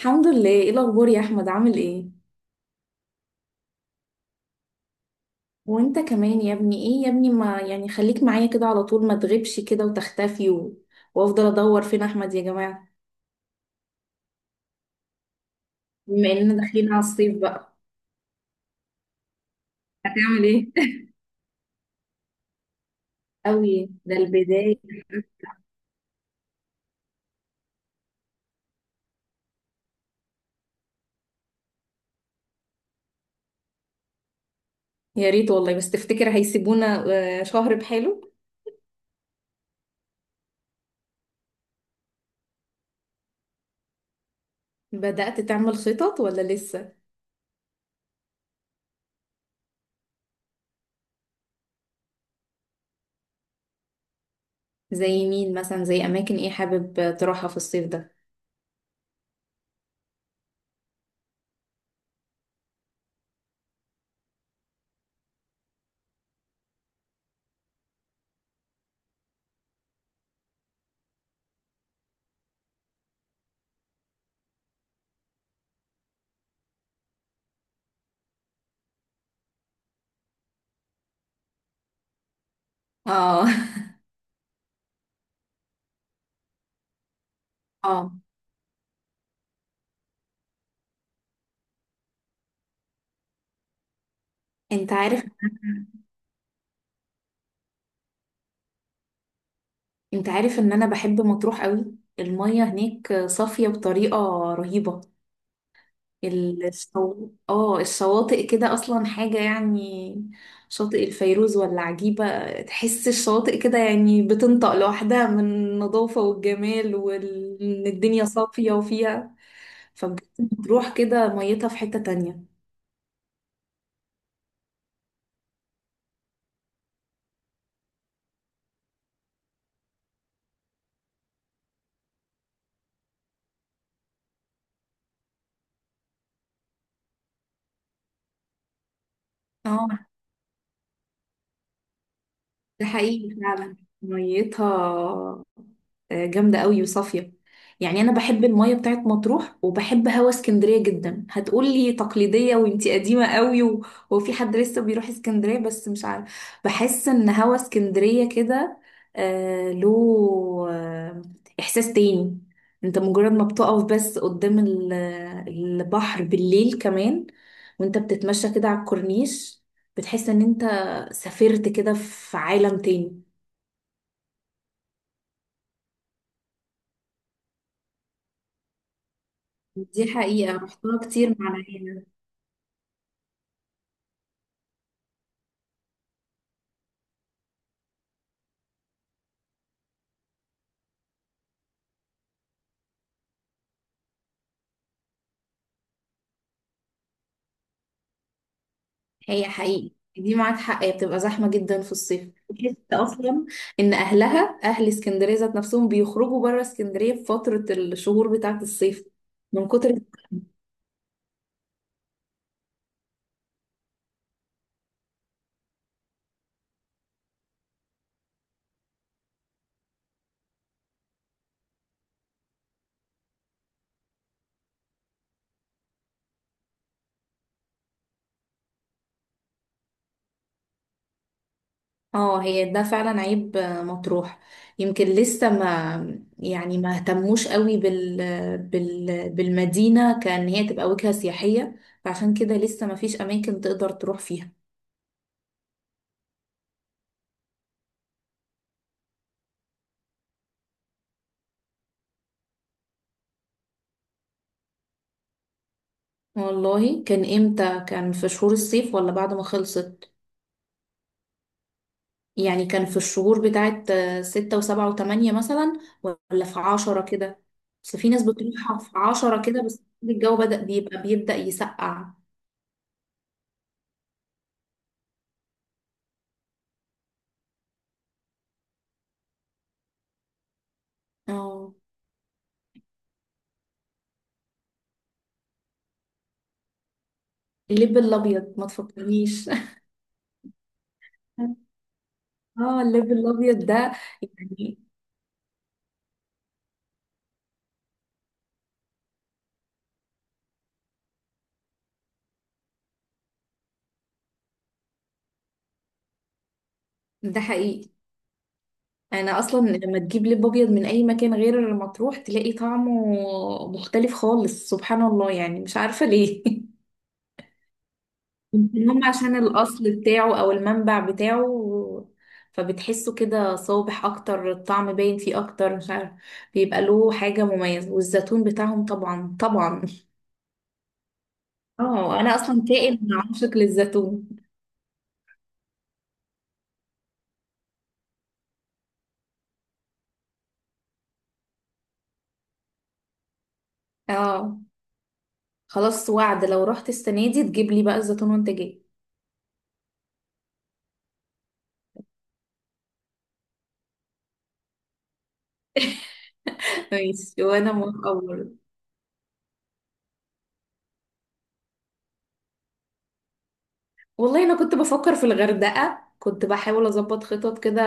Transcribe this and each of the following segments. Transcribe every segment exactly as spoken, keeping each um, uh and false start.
الحمد لله، ايه الاخبار يا احمد، عامل ايه؟ وانت كمان يا ابني، ايه يا ابني، ما يعني خليك معايا كده على طول، ما تغيبش كده وتختفي و... وافضل ادور فين احمد يا جماعه. بما اننا داخلين على الصيف بقى، هتعمل ايه؟ قوي، ده البدايه. يا ريت والله، بس تفتكر هيسيبونا آه، شهر بحاله؟ بدأت تعمل خطط ولا لسه؟ زي مين مثلا، زي اماكن ايه حابب تروحها في الصيف ده؟ اه. اه. انت عارف، انت عارف ان انا بحب مطروح قوي. المية هناك صافية بطريقة رهيبة. الشو... اه الشواطئ كده اصلا حاجة يعني. شاطئ الفيروز ولا عجيبة. تحس الشواطئ كده، يعني بتنطق لوحدها من النظافة والجمال، وان الدنيا صافية وفيها. فبجد مطروح كده، ميتها في حتة تانية. اه. ده حقيقي فعلا. ميتها آه، جامدة قوي وصافية. يعني أنا بحب المية بتاعت مطروح وبحب هوا اسكندرية جدا، هتقولي تقليدية وانتي قديمة قوي و... وفي حد لسه بيروح اسكندرية، بس مش عارف، بحس إن هوا اسكندرية كده آه، له آه إحساس تاني. انت مجرد ما بتقف بس قدام ال- البحر بالليل كمان، وانت بتتمشى كده على الكورنيش، بتحس ان انت سافرت كده في عالم تاني. دي حقيقة، رحتها كتير مع العيلة. هي حقيقي دي معاك حق، هي بتبقى زحمة جدا في الصيف، بحس أصلا إن أهلها أهل اسكندرية ذات نفسهم بيخرجوا بره اسكندرية في فترة الشهور بتاعة الصيف، من كتر. اه، هي ده فعلا عيب آه، مطروح. يمكن لسه ما يعني ما اهتموش قوي بال... بال... بالمدينة، كأن هي تبقى وجهة سياحية. فعشان كده لسه ما فيش أماكن تقدر تروح فيها. والله كان امتى؟ كان في شهور الصيف ولا بعد ما خلصت؟ يعني كان في الشهور بتاعت آه، ستة وسبعة وتمانية مثلا، ولا في عشرة كده؟ بس في ناس بتروح في عشرة كده، بس الجو بدأ بيبقى بيبدأ يسقع. اه، اللب الأبيض، ما تفكرنيش! اه، اللب الأبيض ده. يعني ده حقيقي. أنا أصلا لما تجيب لب أبيض من أي مكان غير مطروح تلاقي طعمه مختلف خالص، سبحان الله، يعني مش عارفة ليه. يمكن هم عشان الأصل بتاعه أو المنبع بتاعه، فبتحسه كده صابح أكتر، الطعم باين فيه أكتر، مش عارف. بيبقى له حاجة مميزة، والزيتون بتاعهم طبعا طبعا. اه، أنا أصلا كائن عاشق للزيتون. اه، خلاص وعد، لو رحت السنة دي تجيب لي بقى الزيتون وانت جاي. ماشي، وأنا موافقة برضه. والله انا كنت بفكر في الغردقه، كنت بحاول اظبط خطط كده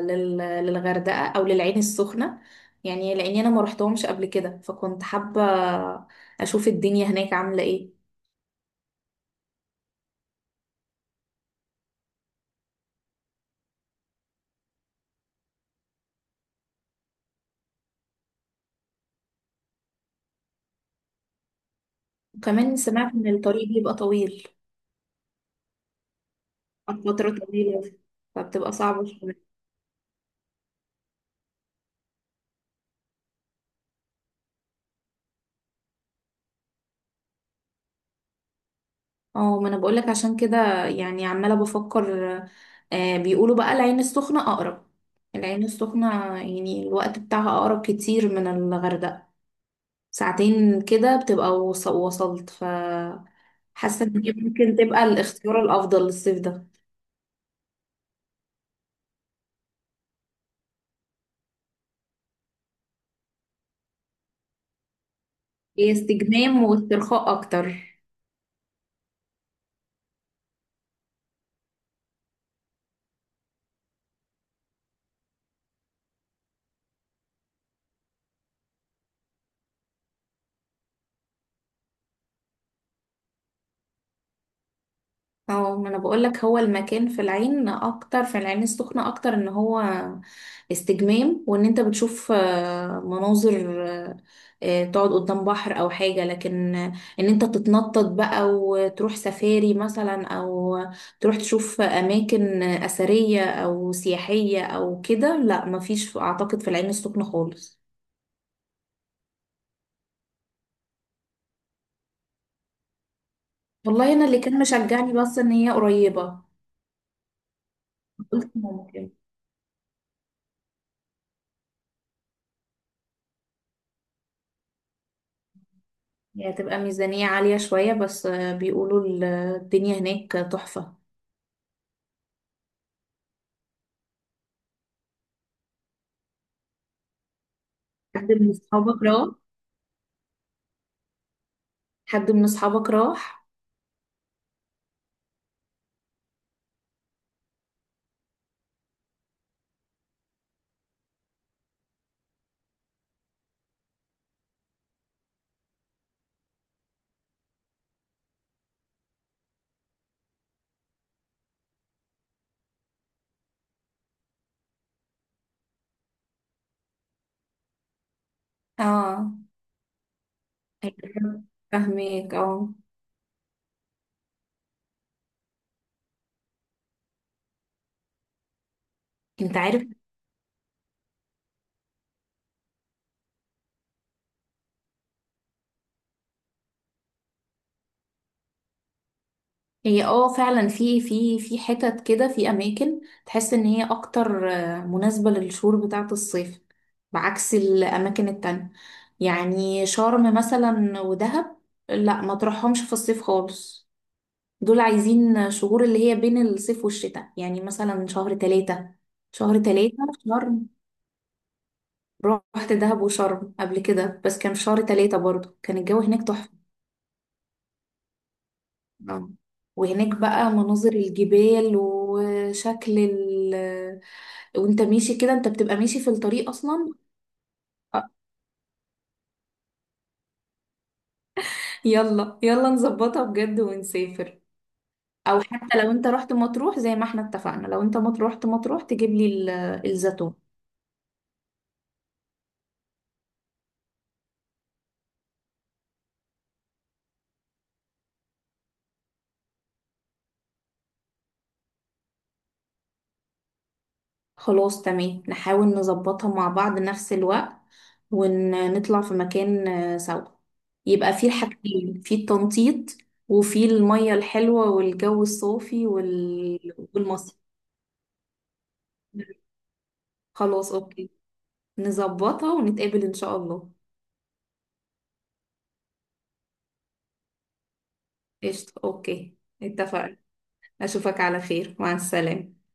لل... للغردقه او للعين السخنه، يعني لاني انا ما رحتهمش قبل كده، فكنت حابه اشوف الدنيا هناك عامله ايه. وكمان سمعت ان الطريق بيبقى طويل، فتره طويله، فبتبقى صعبه شويه. اه، ما انا بقولك عشان كده يعني عماله بفكر. آه بيقولوا بقى العين السخنه اقرب، العين السخنه يعني الوقت بتاعها اقرب كتير من الغردقه. ساعتين كده بتبقى وص- وصلت ف حاسة ان دي ممكن تبقى الاختيار الافضل للصيف ده. هي استجمام واسترخاء اكتر. اه، ما انا بقولك، هو المكان في العين اكتر، في العين السخنة اكتر، ان هو استجمام، وان انت بتشوف آه، مناظر، آه، آه، تقعد قدام بحر او حاجة، لكن آه، ان انت تتنطط بقى وتروح سفاري مثلا، او تروح تشوف اماكن اثرية او سياحية او كده، لا، مفيش اعتقد في العين السخنة خالص. والله انا اللي كان مشجعني بس ان هي قريبة، قلت ممكن. هي هتبقى ميزانية عالية شوية، بس آه، بيقولوا ال- الدنيا هناك تحفة. حد من أصحابك راح؟ حد من أصحابك راح؟ اه، هيبقى. فاهمك، اه. انت عارف. هي اه فعلا، في في في حتت كده، في أماكن تحس إن هي أكتر آه، مناسبة للشهور بتاعة الصيف، بعكس الأماكن التانية. يعني شرم مثلا ودهب، لا ما تروحهمش في الصيف خالص. دول عايزين شهور اللي هي بين الصيف والشتاء، يعني مثلا شهر تلاتة، شهر تلاتة. شرم. رحت دهب وشرم قبل كده، بس كان في شهر تلاتة برضو، كان الجو هناك تحفة. آه. وهناك بقى مناظر الجبال وشكل ال وانت ماشي كده، انت بتبقى ماشي في الطريق اصلا. آه. يلا يلا، نظبطها بجد ونسافر، او حتى لو انت رحت مطروح زي ما احنا اتفقنا، لو انت مت- رحت مطروح تجيب لي ال- الزيتون. خلاص تمام، نحاول نظبطها مع بعض نفس الوقت، ونطلع في مكان آه، سوا، يبقى في الحاجتين، في التنطيط وفي المية الحلوة والجو الصافي وال... والمصيف. خلاص اوكي، نظبطها ونتقابل ان شاء الله. قشطة، اوكي. اتفقنا، اشوفك على خير، مع السلامة.